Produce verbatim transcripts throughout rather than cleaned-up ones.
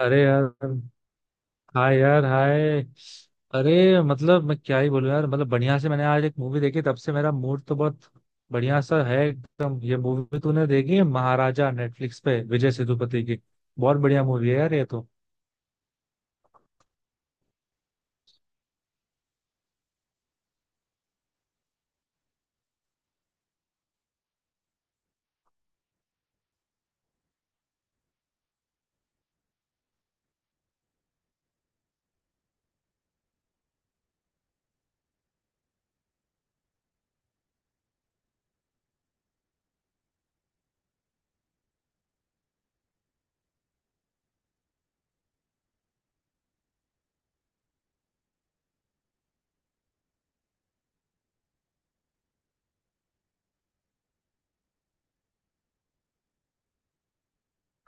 अरे यार, हाय यार, हाय। अरे मतलब मैं क्या ही बोलूं यार, मतलब बढ़िया से मैंने आज एक मूवी देखी, तब से मेरा मूड तो बहुत बढ़िया सा है एकदम। ये मूवी तूने देखी है, महाराजा, नेटफ्लिक्स पे, विजय सेतुपति की? बहुत बढ़िया मूवी है यार ये तो।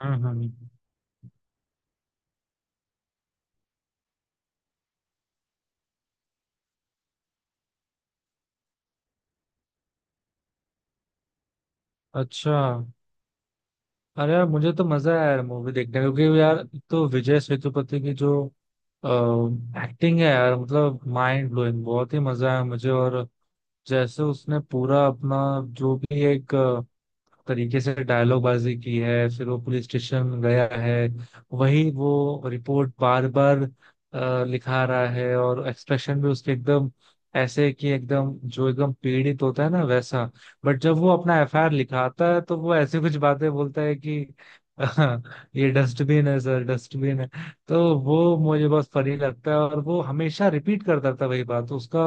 हम्म हम्म। अच्छा। अरे यार, मुझे तो मजा आया यार मूवी देखने का, क्योंकि यार एक तो विजय सेतुपति की जो एक्टिंग है यार, मतलब माइंड ब्लोइंग, बहुत ही मजा आया मुझे। और जैसे उसने पूरा अपना जो भी एक तरीके से डायलॉग बाजी की है, फिर वो पुलिस स्टेशन गया है, वही वो रिपोर्ट बार बार लिखा रहा है, और एक्सप्रेशन भी उसके एकदम ऐसे कि एकदम जो एकदम पीड़ित होता है ना, वैसा। बट जब वो अपना एफआईआर लिखाता है तो वो ऐसे कुछ बातें बोलता है कि ये डस्टबिन है सर, डस्टबिन है। तो वो मुझे बहुत फनी लगता है, और वो हमेशा रिपीट करता था वही बात। उसका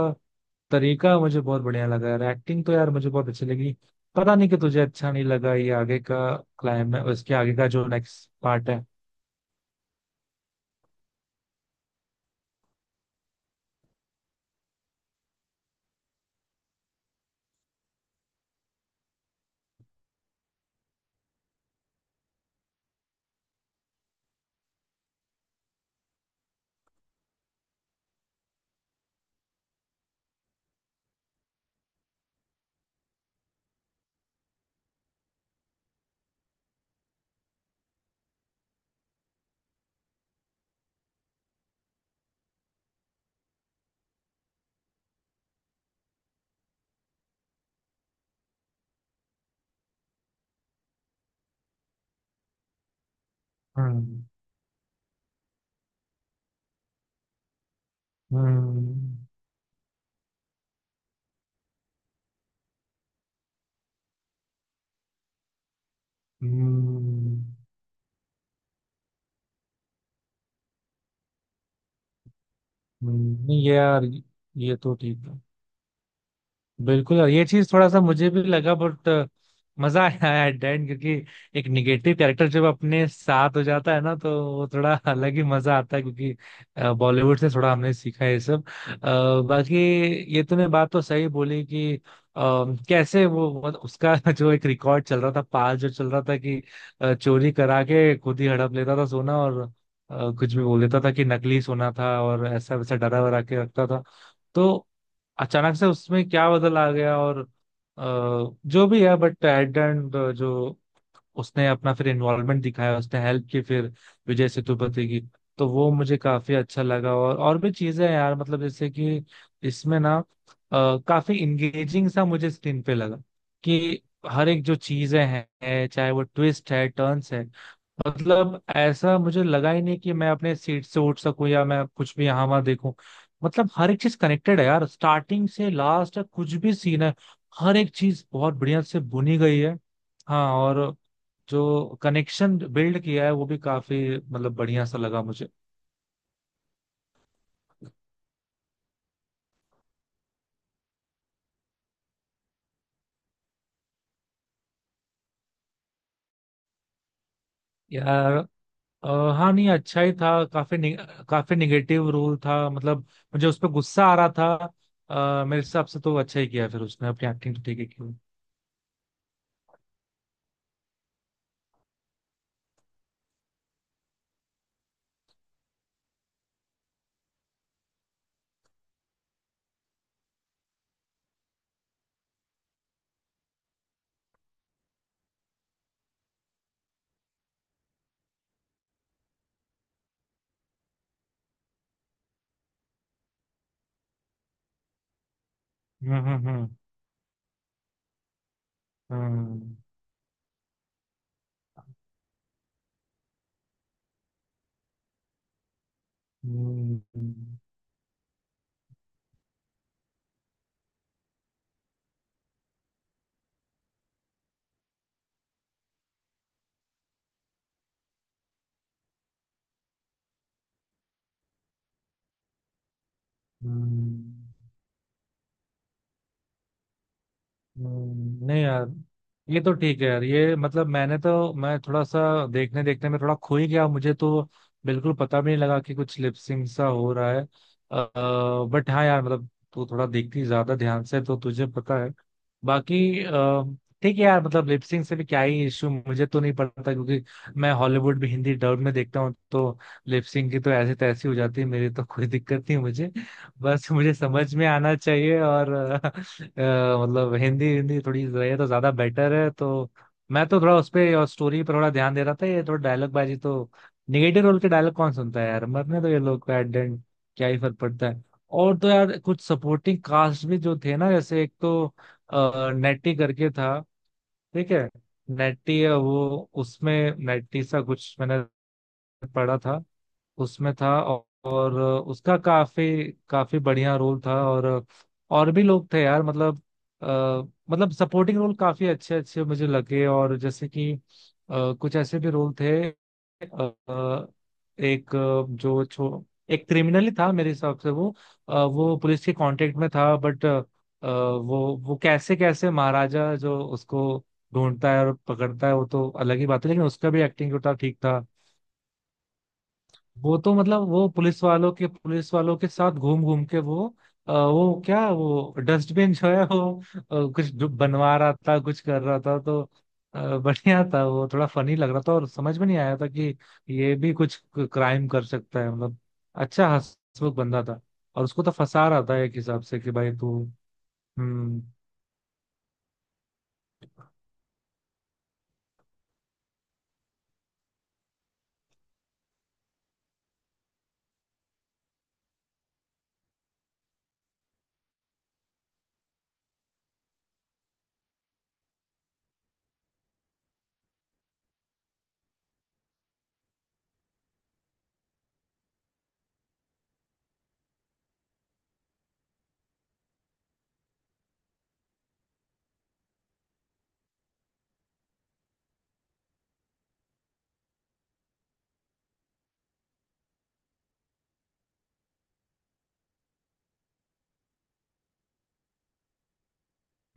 तरीका मुझे बहुत बढ़िया लगा यार, एक्टिंग तो यार मुझे बहुत अच्छी लगी। पता नहीं कि तुझे अच्छा नहीं लगा ये आगे का। क्लाइम है उसके आगे का जो नेक्स्ट पार्ट है। हम्म हम्म, हम्म हम्म, नहीं यार, ये तो ठीक है, बिल्कुल। और ये चीज थोड़ा सा मुझे भी लगा, बट मजा आया एट द एंड, क्योंकि एक निगेटिव कैरेक्टर जब अपने साथ हो जाता है ना, तो वो थोड़ा अलग ही मजा आता है, क्योंकि बॉलीवुड से थोड़ा हमने सीखा है ये सब। अ, बाकी ये तूने बात तो सही बोली कि अ, कैसे वो मत- उसका जो एक रिकॉर्ड चल रहा था, पाल जो चल रहा था कि अ, चोरी करा के खुद ही हड़प लेता था सोना, और अ, कुछ भी बोल देता था कि नकली सोना था, और ऐसा वैसा डरा वरा के रखता था, तो अचानक से उसमें क्या बदल आ गया। और अ, जो भी है, बट एट एंड जो उसने अपना फिर इन्वॉल्वमेंट दिखाया, उसने हेल्प की फिर विजय सेतुपति की, तो वो मुझे काफी अच्छा लगा। और और भी चीजें हैं यार, मतलब जैसे कि इसमें ना अ, काफी इंगेजिंग सा मुझे स्क्रीन पे लगा कि हर एक जो चीजें हैं, चाहे वो ट्विस्ट है, टर्न्स है, मतलब ऐसा मुझे लगा ही नहीं कि मैं अपने सीट से उठ सकूं या मैं कुछ भी यहाँ वहां देखूं। मतलब हर एक चीज कनेक्टेड है यार, स्टार्टिंग से लास्ट तक कुछ भी सीन है, हर एक चीज बहुत बढ़िया से बुनी गई है। हाँ, और जो कनेक्शन बिल्ड किया है वो भी काफी मतलब बढ़िया सा लगा मुझे। यार, अ, हाँ, नहीं, अच्छा ही था। काफी नि, काफी निगेटिव रोल था, मतलब मुझे उस पर गुस्सा आ रहा था। अ, मेरे हिसाब से तो वो अच्छा ही किया, फिर उसने अपनी एक्टिंग तो ठीक ही की। हम्म हम्म हम्म हम्म, हम्म, हम्म, हम्म, नहीं यार, ये तो ठीक है यार। ये मतलब मैंने तो मैं थोड़ा सा देखने देखने में थोड़ा खो ही गया मुझे, तो बिल्कुल पता भी नहीं लगा कि कुछ लिपसिंग सा हो रहा है। बट हाँ यार, मतलब तू थोड़ा देखती ज्यादा ध्यान से तो तुझे पता है। बाकी अ, ठीक है यार, मतलब लिपसिंग से भी क्या ही इशू, मुझे तो नहीं पड़ता क्योंकि मैं हॉलीवुड भी हिंदी डब में देखता हूँ, तो लिपसिंग की तो ऐसे तैसी हो जाती है मेरी, तो कोई दिक्कत नहीं मुझे। बस मुझे समझ में आना चाहिए, और अ, मतलब हिंदी हिंदी थोड़ी रहे तो ज्यादा बेटर है, तो मैं तो थोड़ा उस पे और स्टोरी पर थोड़ा ध्यान दे रहा था। ये थोड़ा डायलॉग बाजी, तो निगेटिव रोल के डायलॉग कौन सुनता है यार, मरने तो ये लोग का एडेंट, क्या ही फर्क पड़ता है। और तो यार कुछ सपोर्टिंग कास्ट भी जो थे ना, जैसे एक तो अ, नेटी करके था, ठीक है, नेटी है वो, उसमें नेटी सा कुछ मैंने पढ़ा था। उसमें था, औ- और उसका काफी काफी बढ़िया रोल था। और और भी लोग थे यार, मतलब अ, मतलब सपोर्टिंग रोल काफी अच्छे अच्छे मुझे लगे। और जैसे कि अ, कुछ ऐसे भी रोल थे, अ, एक अ, जो छो एक क्रिमिनल ही था मेरे हिसाब से। वो अ, वो पुलिस के कांटेक्ट में था, बट वो वो कैसे कैसे महाराजा जो उसको ढूंढता है और पकड़ता है वो तो अलग ही बात है, लेकिन उसका भी एक्टिंग जो था ठीक था। वो तो मतलब वो पुलिस वालों के पुलिस वालों के साथ घूम घूम के वो अ, वो क्या, वो डस्टबिन जो है वो अ, कुछ जो बनवा रहा था, कुछ कर रहा था, तो अ, बढ़िया था, वो थोड़ा फनी लग रहा था। और समझ में नहीं आया था कि ये भी कुछ क्राइम कर सकता है, मतलब अच्छा हंसमुख बंदा था। और उसको तो फंसा रहा था एक हिसाब से कि भाई तू। हम्म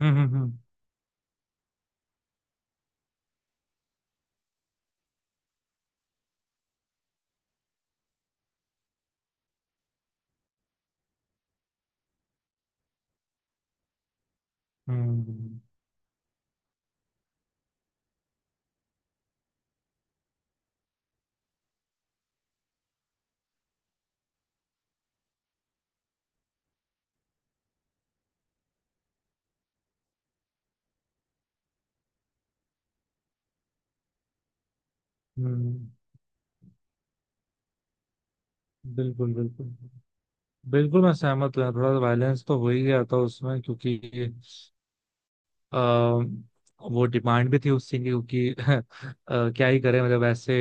हम्म हम्म हम्म, हम्म हम्म, बिल्कुल, बिल्कुल, बिल्कुल मैं सहमत हूँ यार। थोड़ा वायलेंस तो हो ही गया था उसमें, क्योंकि अ, वो डिमांड भी थी उस सीन की, क्योंकि अ, क्या ही करें मतलब। ऐसे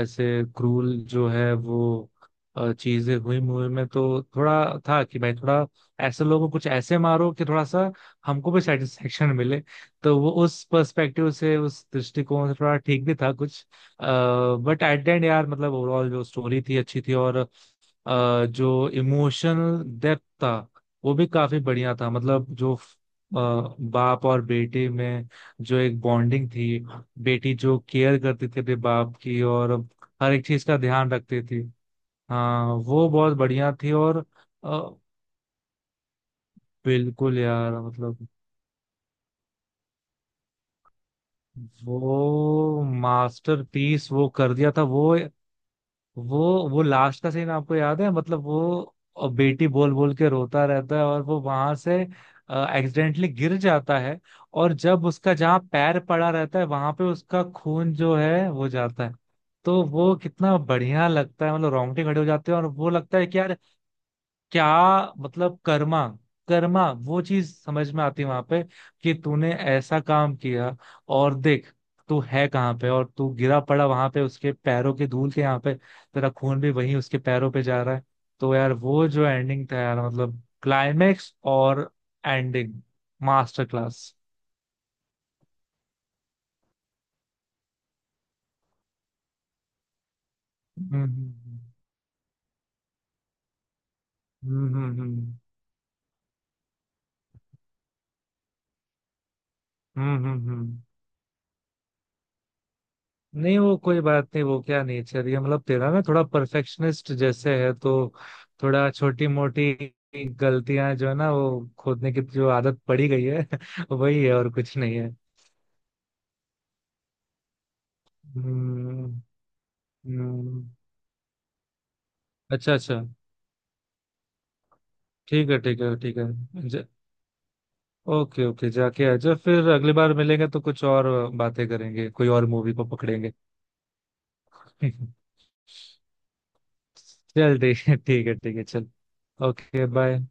ऐसे क्रूल जो है वो अ, चीजें हुई मूवी में, तो थोड़ा था कि भाई थोड़ा ऐसे लोगों को कुछ ऐसे मारो कि थोड़ा सा हमको भी सेटिस्फेक्शन मिले, तो वो उस पर्सपेक्टिव से, उस दृष्टिकोण से थोड़ा ठीक भी था कुछ। बट एट द एंड यार, मतलब ओवरऑल जो स्टोरी थी अच्छी थी, और अ, जो इमोशनल डेप्थ था, वो भी काफी बढ़िया था। मतलब जो अ, बाप और बेटे में जो एक बॉन्डिंग थी, बेटी जो केयर करती थी अपने बाप की और हर एक चीज का ध्यान रखती थी, हाँ वो बहुत बढ़िया थी। और अ, बिल्कुल यार, मतलब वो मास्टरपीस वो कर दिया था। वो वो वो लास्ट का सीन आपको याद है, मतलब वो अ, बेटी बोल बोल के रोता रहता है, और वो वहां से एक्सीडेंटली गिर जाता है, और जब उसका जहाँ पैर पड़ा रहता है वहां पे उसका खून जो है वो जाता है। तो वो कितना बढ़िया लगता है, मतलब रोंगटे खड़े हो जाते हैं, और वो लगता है कि यार क्या, मतलब कर्मा, कर्मा वो चीज समझ में आती है वहां पे, कि तूने ऐसा काम किया, और देख तू है कहाँ पे, और तू गिरा पड़ा वहां पे उसके पैरों की धूल के, यहाँ पे तेरा खून भी वहीं उसके पैरों पे जा रहा है। तो यार वो जो एंडिंग था यार, मतलब क्लाइमेक्स और एंडिंग मास्टर क्लास। हम्म हम्म हम्म हम्म, हम्म हम्म हम्म हम्म, हम्म, नहीं, वो कोई बात नहीं, वो क्या नेचर, ये मतलब तेरा ना थोड़ा परफेक्शनिस्ट जैसे है, तो थोड़ा छोटी मोटी गलतियां जो है ना, वो खोदने की जो आदत पड़ी गई है वही है, और कुछ नहीं है। हम्म हम्म, अच्छा अच्छा, ठीक है, ठीक है, ठीक है। ज, ओके ओके, जाके आ जाओ। फिर अगली बार मिलेंगे तो कुछ और बातें करेंगे, कोई और मूवी को पकड़ेंगे। चल, ठीक है, ठीक है, ठीक है, चल, ओके, बाय।